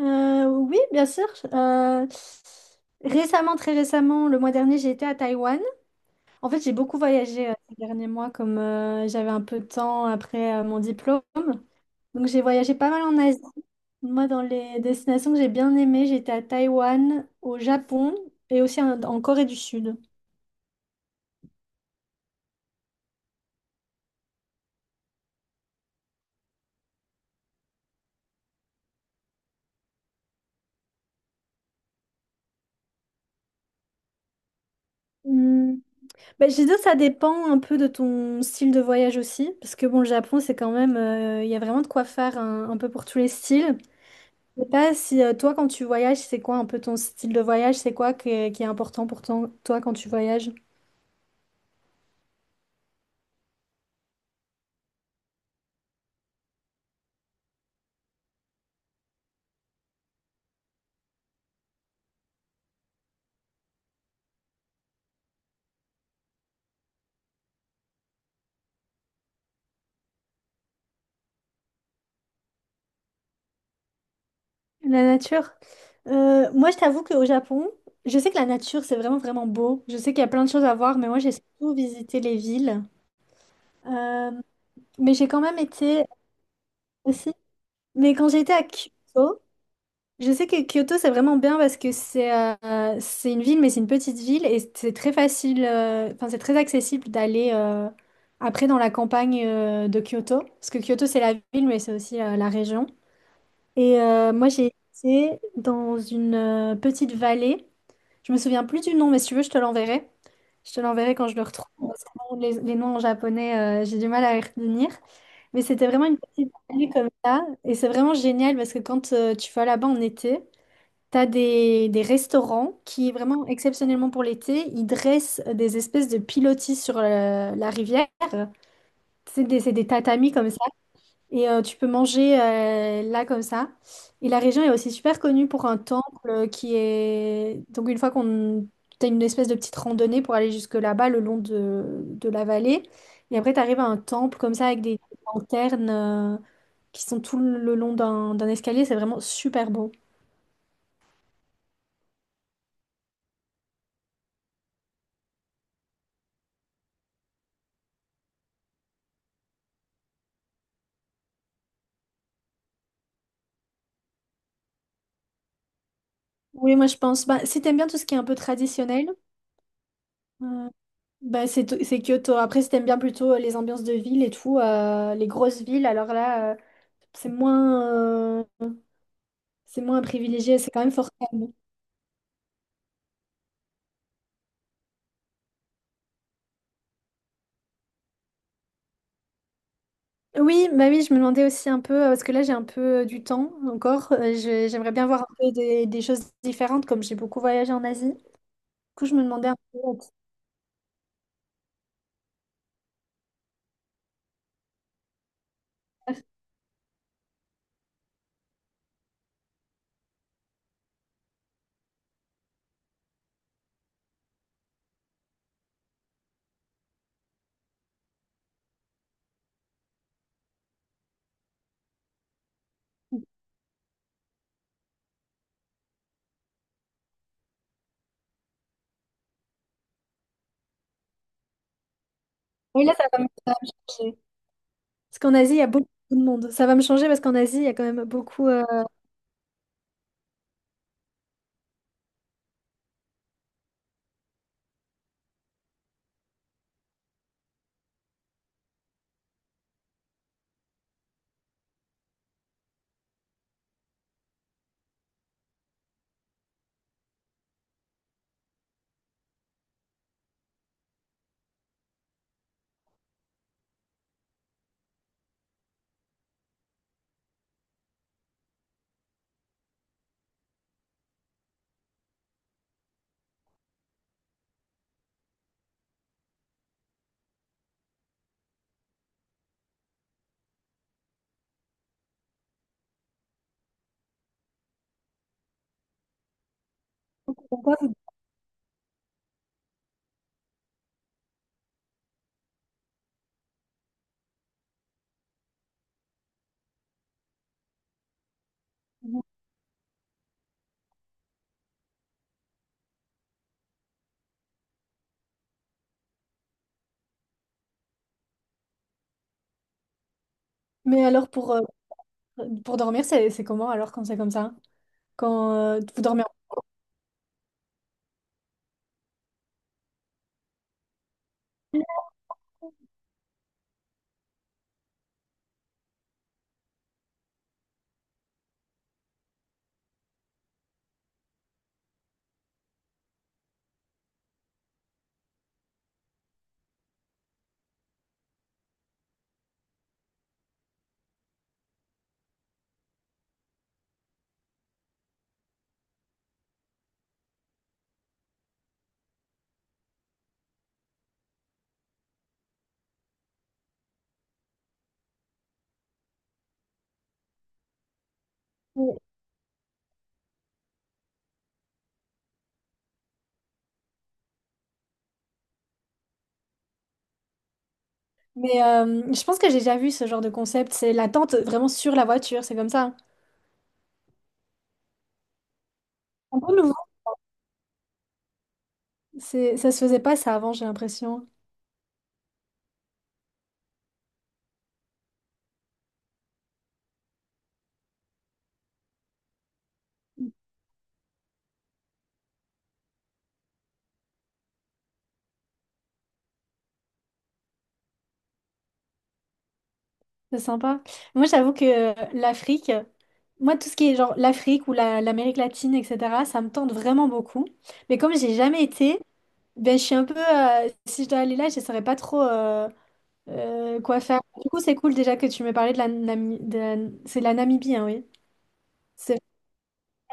Oui, bien sûr. Euh, récemment, très récemment, le mois dernier, j'ai été à Taïwan. En fait, j'ai beaucoup voyagé ces derniers mois, comme j'avais un peu de temps après mon diplôme. Donc, j'ai voyagé pas mal en Asie. Moi, dans les destinations que j'ai bien aimées, j'étais à Taïwan, au Japon et aussi en Corée du Sud. Hmm. Ben, je dis ça dépend un peu de ton style de voyage aussi, parce que bon, le Japon, c'est quand même, il y a vraiment de quoi faire un peu pour tous les styles. Je sais pas si toi, quand tu voyages, c'est quoi un peu ton style de voyage? C'est quoi qui est important pour toi quand tu voyages? La nature. Moi, je t'avoue qu'au Japon, je sais que la nature, c'est vraiment, vraiment beau. Je sais qu'il y a plein de choses à voir, mais moi, j'ai surtout visité les villes. Euh, mais j'ai quand même été aussi. Mais quand j'étais à Kyoto, je sais que Kyoto, c'est vraiment bien parce que c'est une ville, mais c'est une petite ville et c'est très facile, enfin, c'est très accessible d'aller après dans la campagne de Kyoto. Parce que Kyoto, c'est la ville, mais c'est aussi la région. Et moi, j'ai été dans une petite vallée. Je me souviens plus du nom, mais si tu veux, je te l'enverrai. Je te l'enverrai quand je le retrouve, parce que bon, les noms en japonais, j'ai du mal à les retenir. Mais c'était vraiment une petite vallée comme ça. Et c'est vraiment génial parce que quand tu vas là-bas en été, t'as des restaurants qui, vraiment exceptionnellement pour l'été, ils dressent des espèces de pilotis sur la rivière. C'est des tatamis comme ça. Et tu peux manger là comme ça. Et la région est aussi super connue pour un temple qui est... Donc une fois qu'on... T'as une espèce de petite randonnée pour aller jusque là-bas, le long de la vallée. Et après, t'arrives à un temple comme ça avec des lanternes qui sont tout le long d'un escalier. C'est vraiment super beau. Oui, moi je pense. Bah, si t'aimes bien tout ce qui est un peu traditionnel, euh, c'est c'est Kyoto. Après, si t'aimes bien plutôt les ambiances de ville et tout, les grosses villes, alors là, c'est euh, c'est moins privilégié, c'est quand même fort calme. Oui, bah oui, je me demandais aussi un peu, parce que là j'ai un peu du temps encore. J'aimerais bien voir un peu des choses différentes, comme j'ai beaucoup voyagé en Asie. Du coup, je me demandais un peu. Oui, là, ça va me changer. Parce qu'en Asie, il y a beaucoup de monde. Ça va me changer parce qu'en Asie, il y a quand même beaucoup. D'endroits où- Mais alors, pour, pour dormir, c'est comment alors quand c'est comme ça? Quand vous dormez en... Mais je pense que j'ai déjà vu ce genre de concept. C'est la tente vraiment sur la voiture, c'est comme ça. Un peu nouveau. C'est, ça se faisait pas ça avant, j'ai l'impression. C'est sympa. Moi, j'avoue que l'Afrique, moi, tout ce qui est genre l'Afrique ou l'Amérique latine, etc., ça me tente vraiment beaucoup. Mais comme j'ai jamais été, ben, je suis un peu. Si je dois aller là, je ne saurais pas trop quoi faire. Du coup, c'est cool déjà que tu me parlais de la Namibie. C'est la Namibie, hein, oui. C'est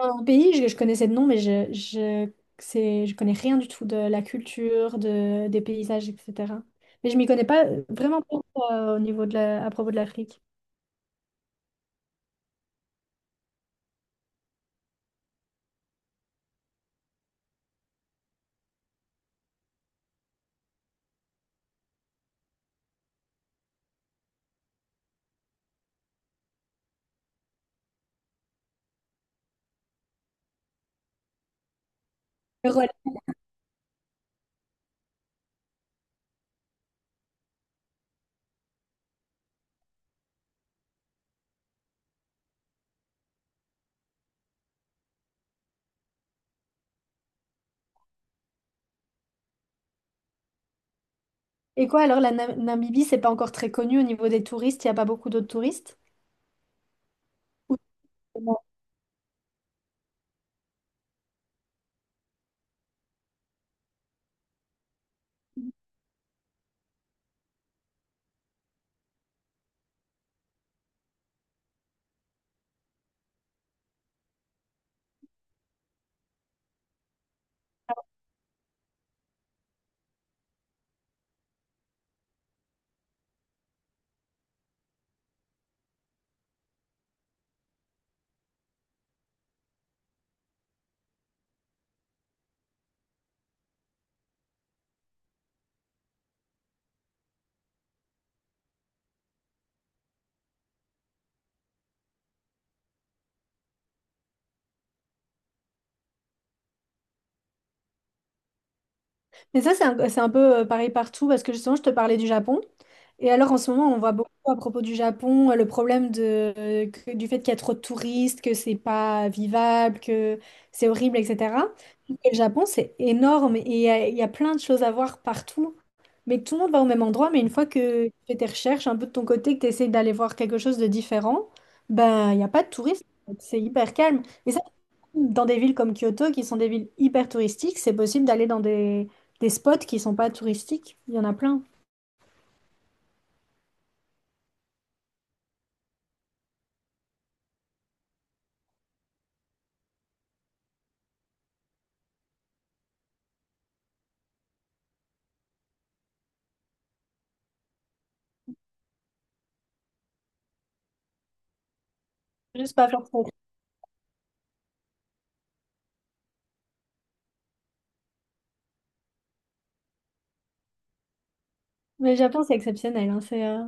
un pays, je connaissais de nom, mais je connais rien du tout de la culture, des paysages, etc. Mais je m'y connais pas vraiment pas au niveau de la, à propos de l'Afrique. Le Rwanda. Et quoi alors, la Namibie, c'est pas encore très connu au niveau des touristes, il n'y a pas beaucoup d'autres touristes. Ou- Mais ça, c'est un peu pareil partout, parce que justement, je te parlais du Japon. Et alors, en ce moment, on voit beaucoup à propos du Japon le problème du fait qu'il y a trop de touristes, que c'est pas vivable, que c'est horrible, etc. Et le Japon, c'est énorme et il y a plein de choses à voir partout. Mais tout le monde va au même endroit, mais une fois que tu fais tes recherches un peu de ton côté, que tu essayes d'aller voir quelque chose de différent, ben, il n'y a pas de touristes. C'est hyper calme. Et ça, dans des villes comme Kyoto, qui sont des villes hyper touristiques, c'est possible d'aller dans des spots qui sont pas touristiques. Il y en a plein. Juste pas forcément. Mais le Japon, c'est exceptionnel, hein.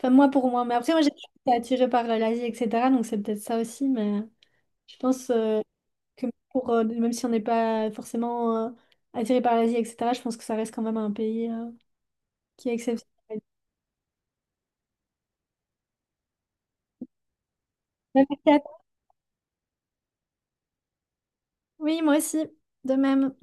Enfin, moi pour moi. Mais après, moi, j'ai été attirée par l'Asie, etc. Donc c'est peut-être ça aussi. Mais je pense que même si on n'est pas forcément attiré par l'Asie, etc., je pense que ça reste quand même un pays qui est exceptionnel. 24. Oui, moi aussi, de même.